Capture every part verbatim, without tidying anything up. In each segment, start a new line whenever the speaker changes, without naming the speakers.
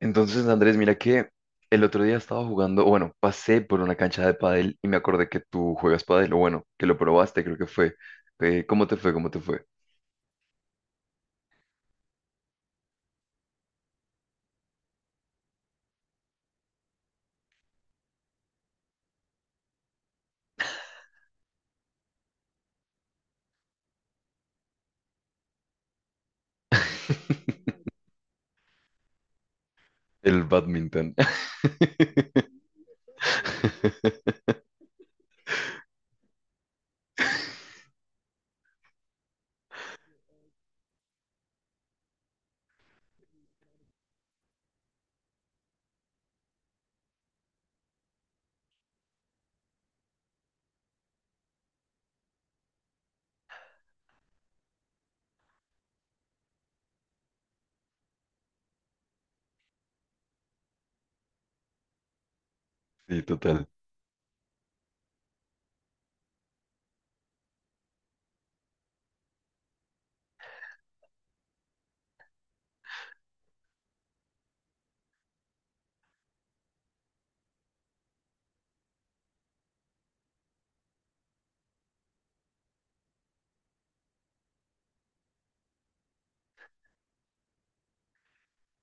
Entonces, Andrés, mira que el otro día estaba jugando, o bueno, pasé por una cancha de pádel y me acordé que tú juegas pádel, o bueno, que lo probaste, creo que fue. Eh, ¿cómo te fue? ¿Cómo te fue? El badminton. Sí, total.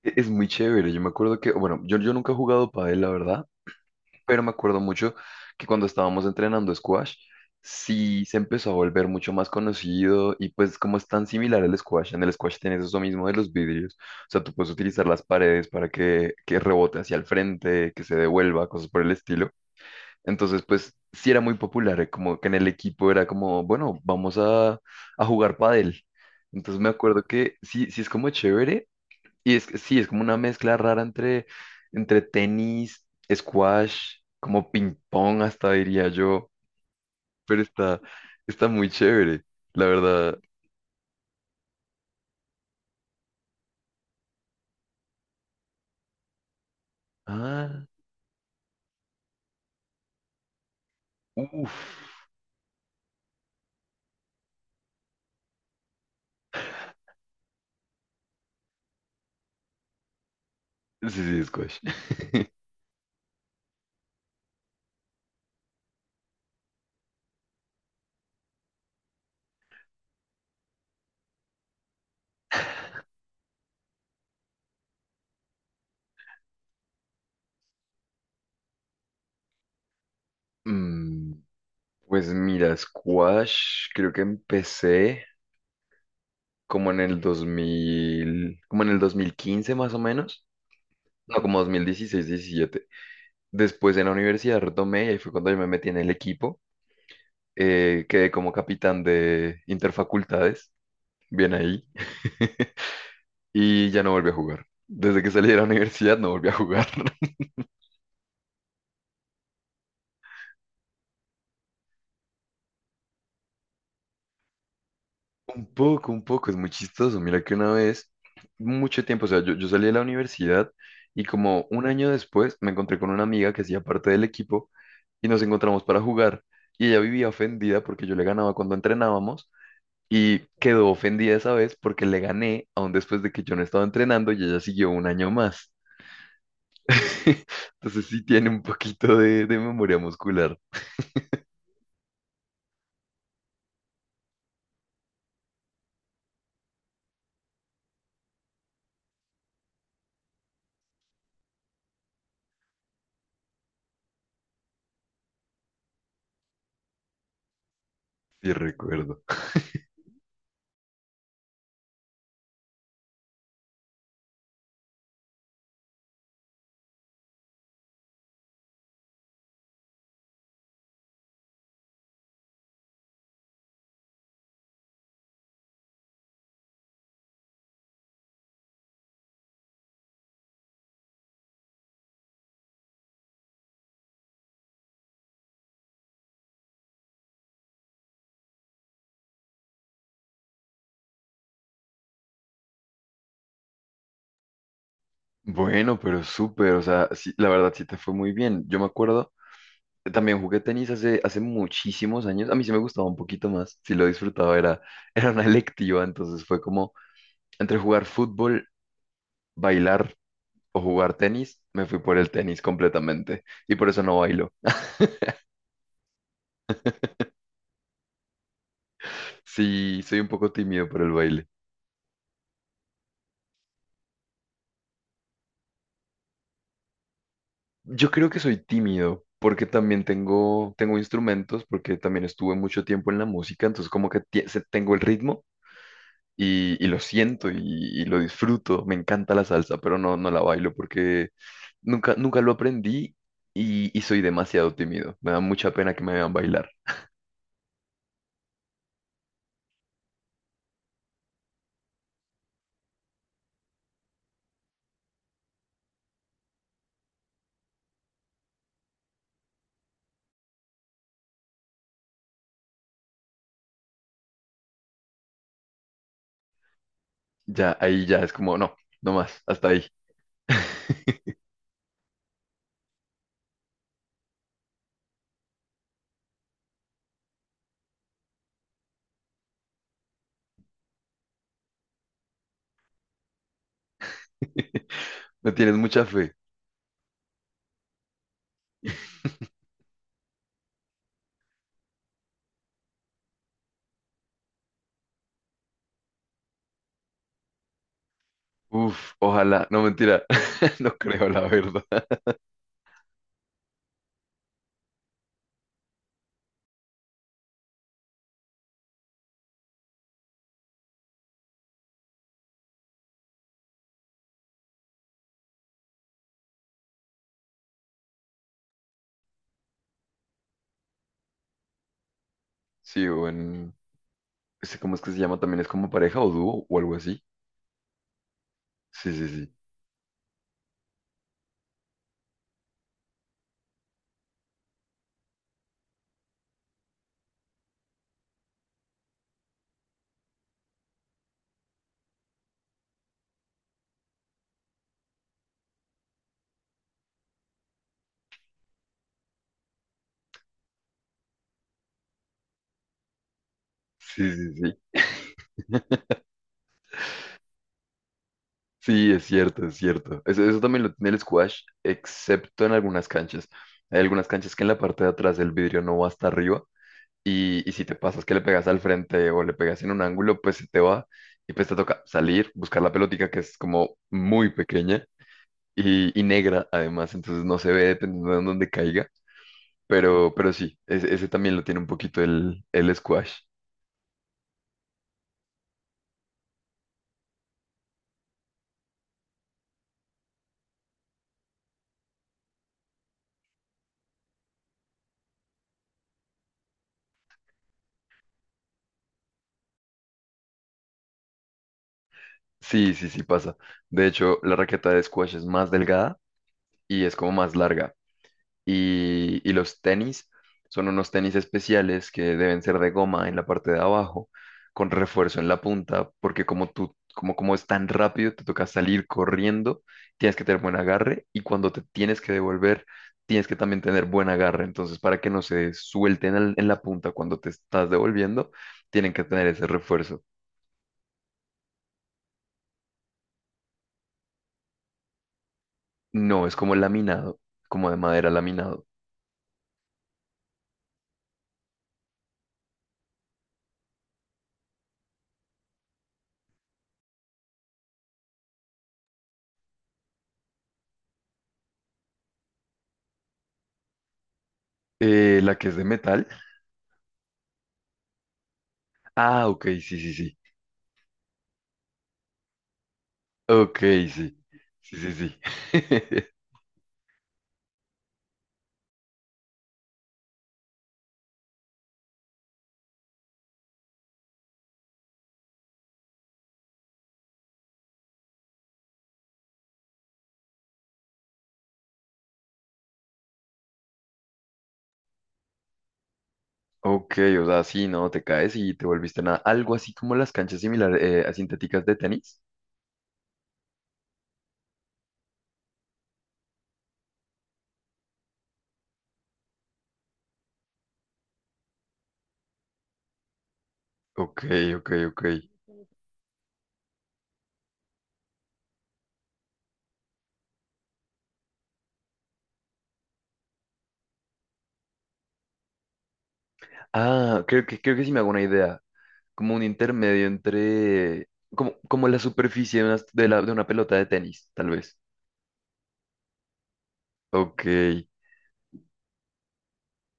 E- Es muy chévere. Yo me acuerdo que, bueno, yo, yo nunca he jugado pádel, la verdad, pero me acuerdo mucho que cuando estábamos entrenando squash, sí se empezó a volver mucho más conocido y pues como es tan similar al squash, en el squash tienes eso mismo de los vidrios, o sea, tú puedes utilizar las paredes para que, que rebote hacia el frente, que se devuelva, cosas por el estilo. Entonces, pues sí era muy popular, eh, como que en el equipo era como, bueno, vamos a, a jugar pádel. Entonces me acuerdo que sí, sí es como chévere, y es que sí, es como una mezcla rara entre, entre tenis, squash, como ping pong hasta diría yo, pero está, está muy chévere, la verdad. Ah, uff, sí, sí, squash. Mm, pues mira, squash creo que empecé como en el dos mil, como en el dos mil quince más o menos, no, como dos mil dieciséis, diecisiete. Después en la universidad retomé y ahí fue cuando yo me metí en el equipo, eh, quedé como capitán de interfacultades, bien ahí. Y ya no volví a jugar. Desde que salí de la universidad no volví a jugar. Un poco, un poco, es muy chistoso. Mira que una vez, mucho tiempo, o sea, yo, yo salí de la universidad y como un año después me encontré con una amiga que hacía parte del equipo y nos encontramos para jugar. Y ella vivía ofendida porque yo le ganaba cuando entrenábamos y quedó ofendida esa vez porque le gané aún después de que yo no estaba entrenando y ella siguió un año más. Entonces sí tiene un poquito de, de memoria muscular, sí recuerdo. Bueno, pero súper, o sea, sí, la verdad sí te fue muy bien. Yo me acuerdo, eh, también jugué tenis hace, hace muchísimos años. A mí sí me gustaba un poquito más, sí lo disfrutaba, era, era una electiva, entonces fue como entre jugar fútbol, bailar o jugar tenis, me fui por el tenis completamente y por eso no bailo. Sí, soy un poco tímido por el baile. Yo creo que soy tímido porque también tengo, tengo instrumentos, porque también estuve mucho tiempo en la música, entonces como que tie- se- tengo el ritmo y, y lo siento y, y lo disfruto. Me encanta la salsa, pero no, no la bailo porque nunca, nunca lo aprendí y, y soy demasiado tímido. Me da mucha pena que me vean bailar. Ya, ahí ya es como, no, no más, hasta ahí. No tienes mucha fe. Uf, ojalá, no mentira, no creo la verdad. Sí, bueno. Ese, ¿cómo es que se llama? También es como pareja o dúo o algo así. Sí, sí, sí. Sí, sí, sí. Sí, es cierto, es cierto. Eso, eso también lo tiene el squash, excepto en algunas canchas. Hay algunas canchas que en la parte de atrás el vidrio no va hasta arriba y, y si te pasas que le pegas al frente o le pegas en un ángulo, pues se te va y pues te toca salir, buscar la pelotica que es como muy pequeña y, y negra además, entonces no se ve dependiendo de dónde caiga. Pero, pero sí, ese, ese también lo tiene un poquito el, el squash. Sí, sí, sí pasa. De hecho, la raqueta de squash es más delgada y es como más larga. Y, y los tenis son unos tenis especiales que deben ser de goma en la parte de abajo, con refuerzo en la punta, porque como tú, como, como es tan rápido, te toca salir corriendo, tienes que tener buen agarre y cuando te tienes que devolver, tienes que también tener buen agarre. Entonces, para que no se suelten al- en la punta cuando te estás devolviendo, tienen que tener ese refuerzo. No, es como laminado, como de madera laminado. Eh, la que es de metal. Ah, ok, sí, sí, sí. Ok, sí. Sí, sí, sí. Ok, o sea, sí, no, te caes y te volviste nada. Algo así como las canchas similares, eh, a sintéticas de tenis. Ok, ok, ok. Ah, creo que, creo que sí me hago una idea. Como un intermedio entre. Como, como la superficie de una, de la- de una pelota de tenis, tal vez. Ok,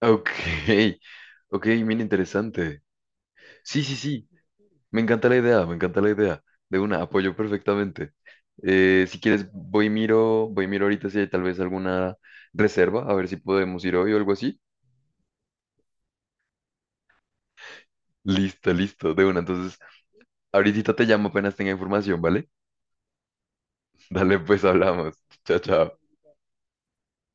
ok. Ok, bien interesante. Sí, sí, sí. Me encanta la idea, me encanta la idea. De una, apoyo perfectamente. Eh, si quieres, voy y miro, voy y miro ahorita si hay tal vez alguna reserva, a ver si podemos ir hoy o algo así. Listo, listo, de una. Entonces, ahorita te llamo apenas tenga información, ¿vale? Dale, pues hablamos. Chao, chao.